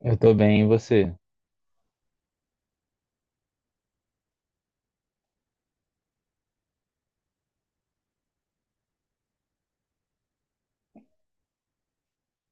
Eu tô bem, e você?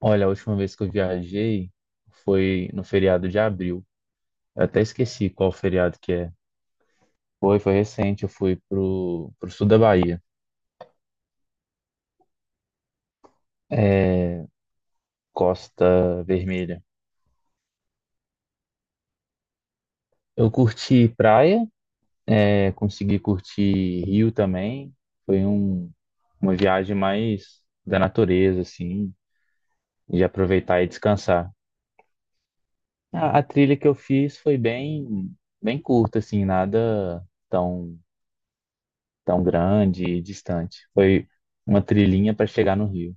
Olha, a última vez que eu viajei foi no feriado de abril. Eu até esqueci qual feriado que é. Foi recente, eu fui pro sul da Bahia, Costa Vermelha. Eu curti praia, é, consegui curtir rio também. Foi um, uma viagem mais da natureza, assim, de aproveitar e descansar. A trilha que eu fiz foi bem curta, assim, nada tão tão grande e distante. Foi uma trilhinha para chegar no Rio.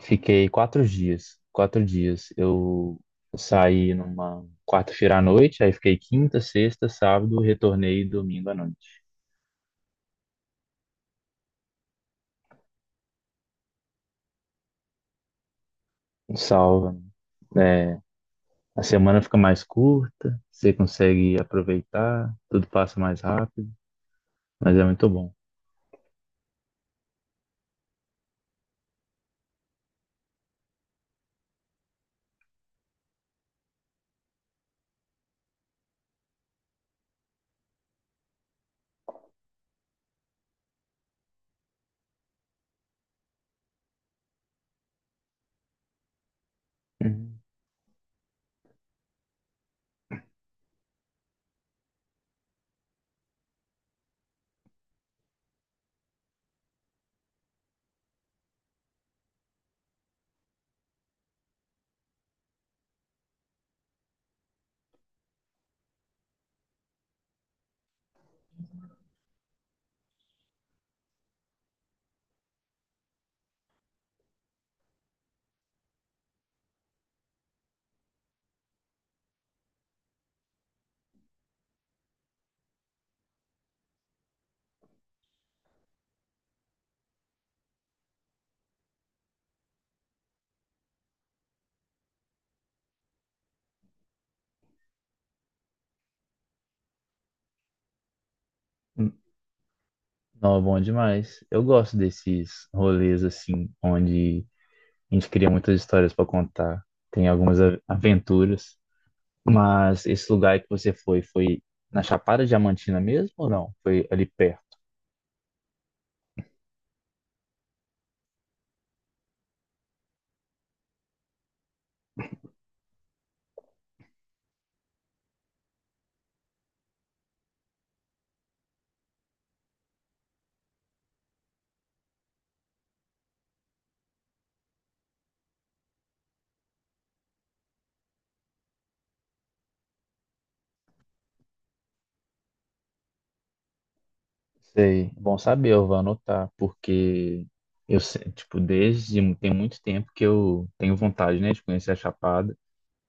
Fiquei quatro dias. 4 dias. Eu saí numa quarta-feira à noite, aí fiquei quinta, sexta, sábado, retornei domingo à noite. Salva. É, a semana fica mais curta, você consegue aproveitar, tudo passa mais rápido, mas é muito bom. Uhum. Não, é bom demais. Eu gosto desses rolês assim, onde a gente cria muitas histórias para contar, tem algumas aventuras. Mas esse lugar que você foi na Chapada Diamantina mesmo ou não? Foi ali perto? Sei. Bom saber, eu vou anotar, porque eu, se- tipo, desde tem muito tempo que eu tenho vontade, né, de conhecer a Chapada,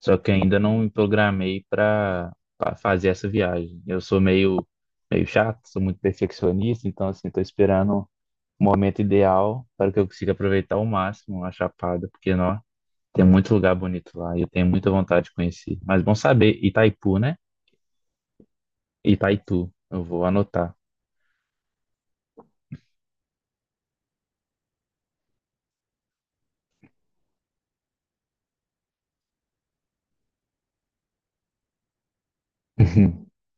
só que ainda não me programei para fazer essa viagem. Eu sou meio chato, sou muito perfeccionista, então, assim, tô esperando o momento ideal para que eu consiga aproveitar ao máximo a Chapada, porque, nossa. Tem muito lugar bonito lá e eu tenho muita vontade de conhecer. Mas bom saber, Itaipu, né? Itaitu, eu vou anotar.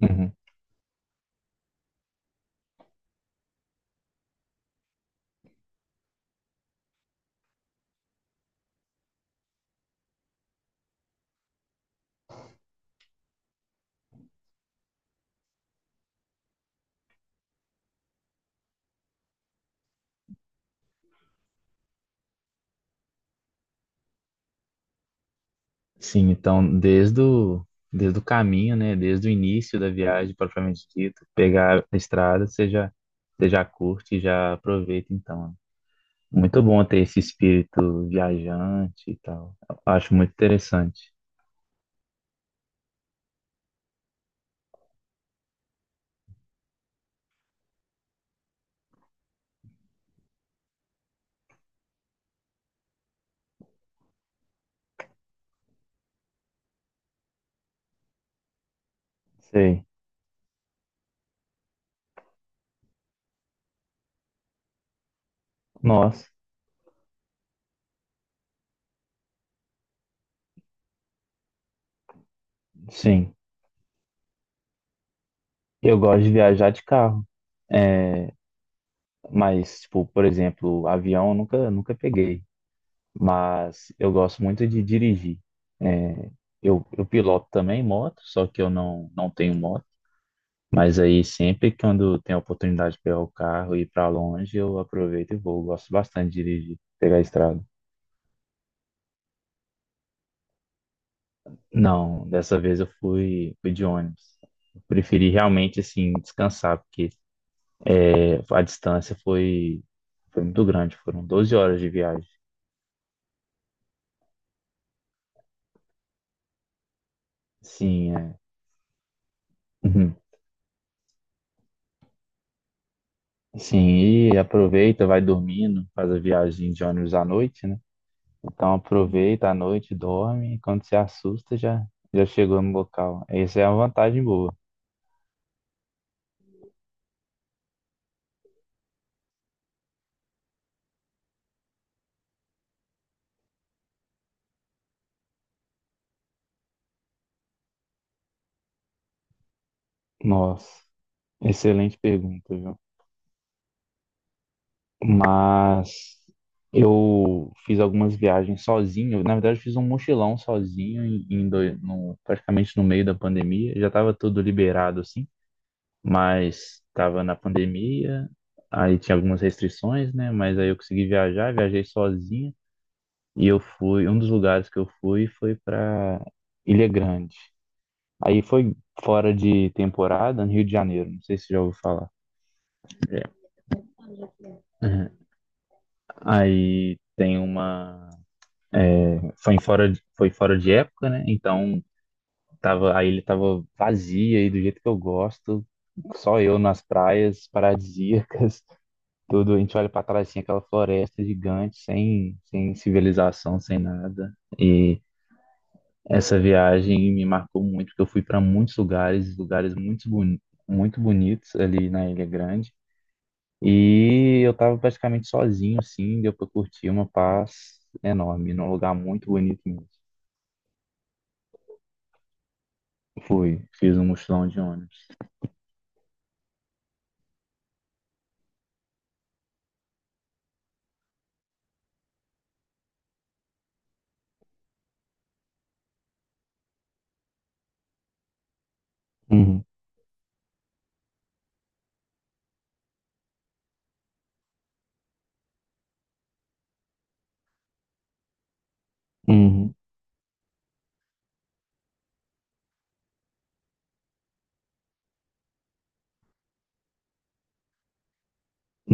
Uhum, uhum. Sim, então desde o caminho, né? Desde o início da viagem, propriamente dito, pegar a estrada, você já curte, e já aproveita então. Muito bom ter esse espírito viajante e tal. Eu acho muito interessante. Sei. Nossa, sim. Eu gosto de viajar de carro. É, mas, tipo, por exemplo, avião eu nunca peguei, mas eu gosto muito de dirigir. É, eu piloto também moto, só que eu não, não tenho moto. Mas aí sempre que quando tem a oportunidade de pegar o carro e ir para longe, eu aproveito e vou. Eu gosto bastante de dirigir, pegar a estrada. Não, dessa vez eu fui de ônibus. Eu preferi realmente assim descansar, porque é, a distância foi muito grande, foram 12 horas de viagem. Sim, é. Sim, e aproveita, vai dormindo, faz a viagem de ônibus à noite, né? Então aproveita à noite, dorme, e quando se assusta já, já chegou no local. Essa é uma vantagem boa. Nossa, excelente pergunta, viu? Mas eu fiz algumas viagens sozinho, na verdade eu fiz um mochilão sozinho praticamente no meio da pandemia, já estava tudo liberado assim. Mas estava na pandemia, aí tinha algumas restrições, né? Mas aí eu consegui viajar, viajei sozinho e um dos lugares que eu fui foi para Ilha Grande. Aí foi fora de temporada, no Rio de Janeiro, não sei se já ouviu falar. É. Uhum. Aí tem uma, foi fora de época, né? Então a ilha tava vazia e do jeito que eu gosto, só eu nas praias paradisíacas. Tudo, a gente olha para trás assim, aquela floresta gigante, sem civilização, sem nada. E essa viagem me marcou muito, porque eu fui para muitos lugares, muito bonitos ali na Ilha Grande. E eu estava praticamente sozinho, assim, deu para curtir uma paz enorme, num lugar muito bonito mesmo. Fui, fiz um mochilão de ônibus. Uhum, uhum.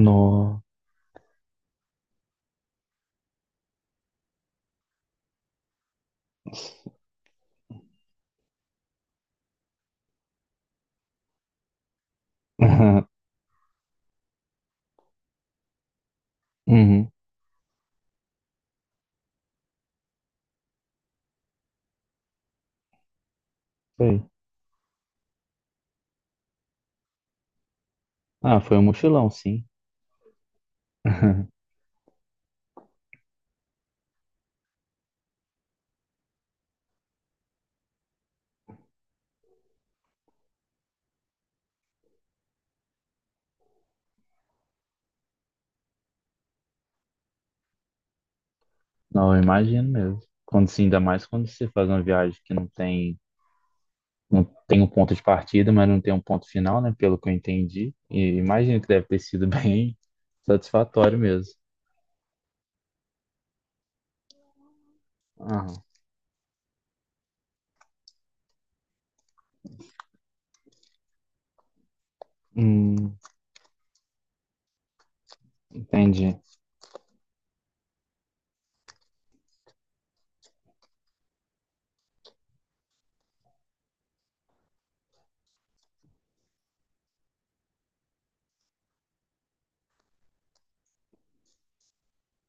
Nossa. Uhum, sei. Ah, foi um mochilão, sim. Não, eu imagino mesmo. Sim, ainda mais quando você faz uma viagem que não tem um ponto de partida, mas não tem um ponto final, né? Pelo que eu entendi. E imagino que deve ter sido bem satisfatório mesmo. Aham. Hum, entendi.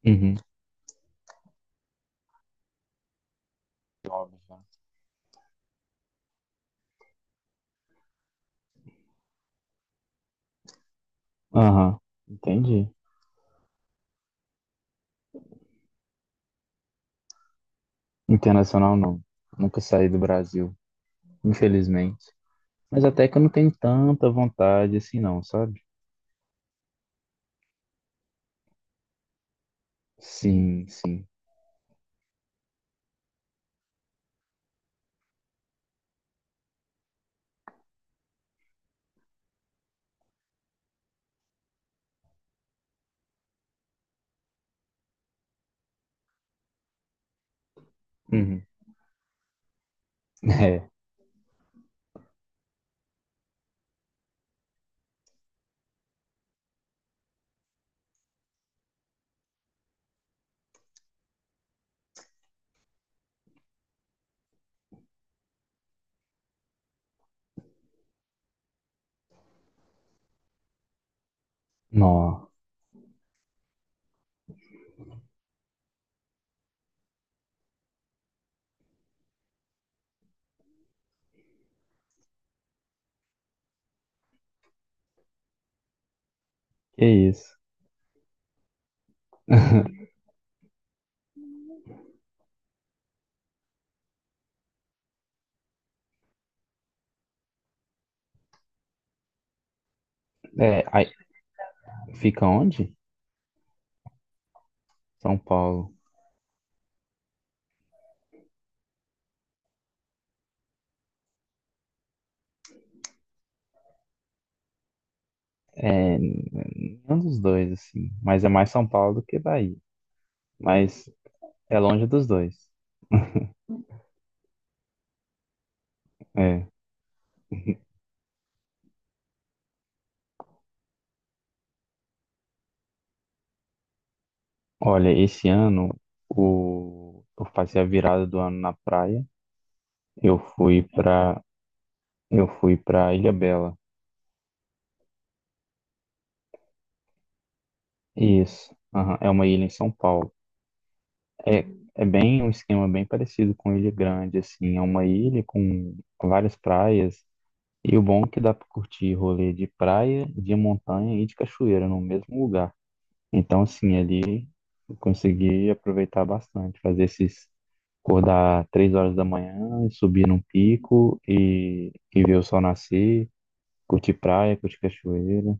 Uhum. Óbvio, né? Aham. Entendi. Internacional não. Nunca saí do Brasil, infelizmente. Mas até que eu não tenho tanta vontade assim não, sabe? Sim, sim. Uhum. É. Nó. Que isso. É, aí- Fica onde? São Paulo. É, nenhum dos dois, assim. Mas é mais São Paulo do que Bahia. Mas é longe dos dois. É. Olha, esse ano o... eu passei a virada do ano na praia. Eu fui pra, eu fui pra Ilha Bela. Isso. Aham, é uma ilha em São Paulo. É, é bem um esquema bem parecido com Ilha Grande, assim. É uma ilha com várias praias. E o bom é que dá pra curtir rolê de praia, de montanha e de cachoeira no mesmo lugar. Então, assim, ali eu consegui aproveitar bastante, fazer esses acordar 3 horas da manhã, subir num pico e ver o sol nascer, curtir praia, curtir cachoeira.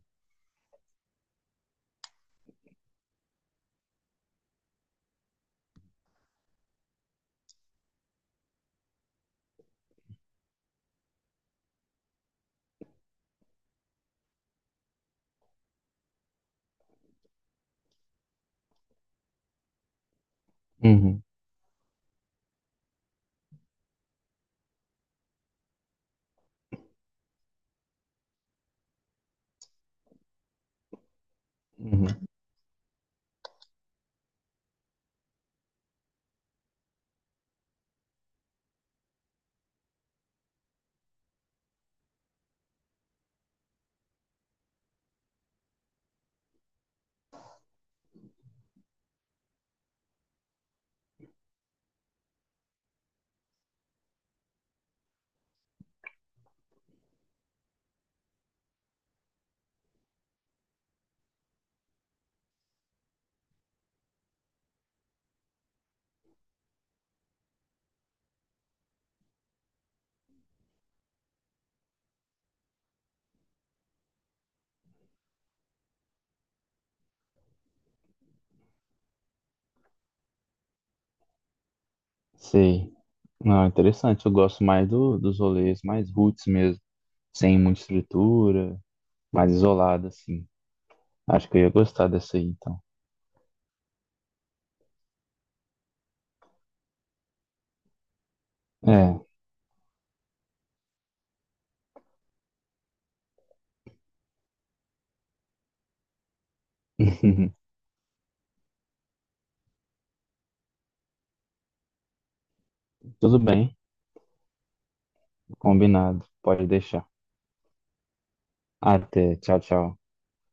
Uhum, uhum. Sei. Não, interessante. Eu gosto mais dos rolês mais roots mesmo, sem muita estrutura, mais isolado, assim. Acho que eu ia gostar dessa aí, então. É. Tudo bem, combinado. Pode deixar. Até. Tchau, tchau.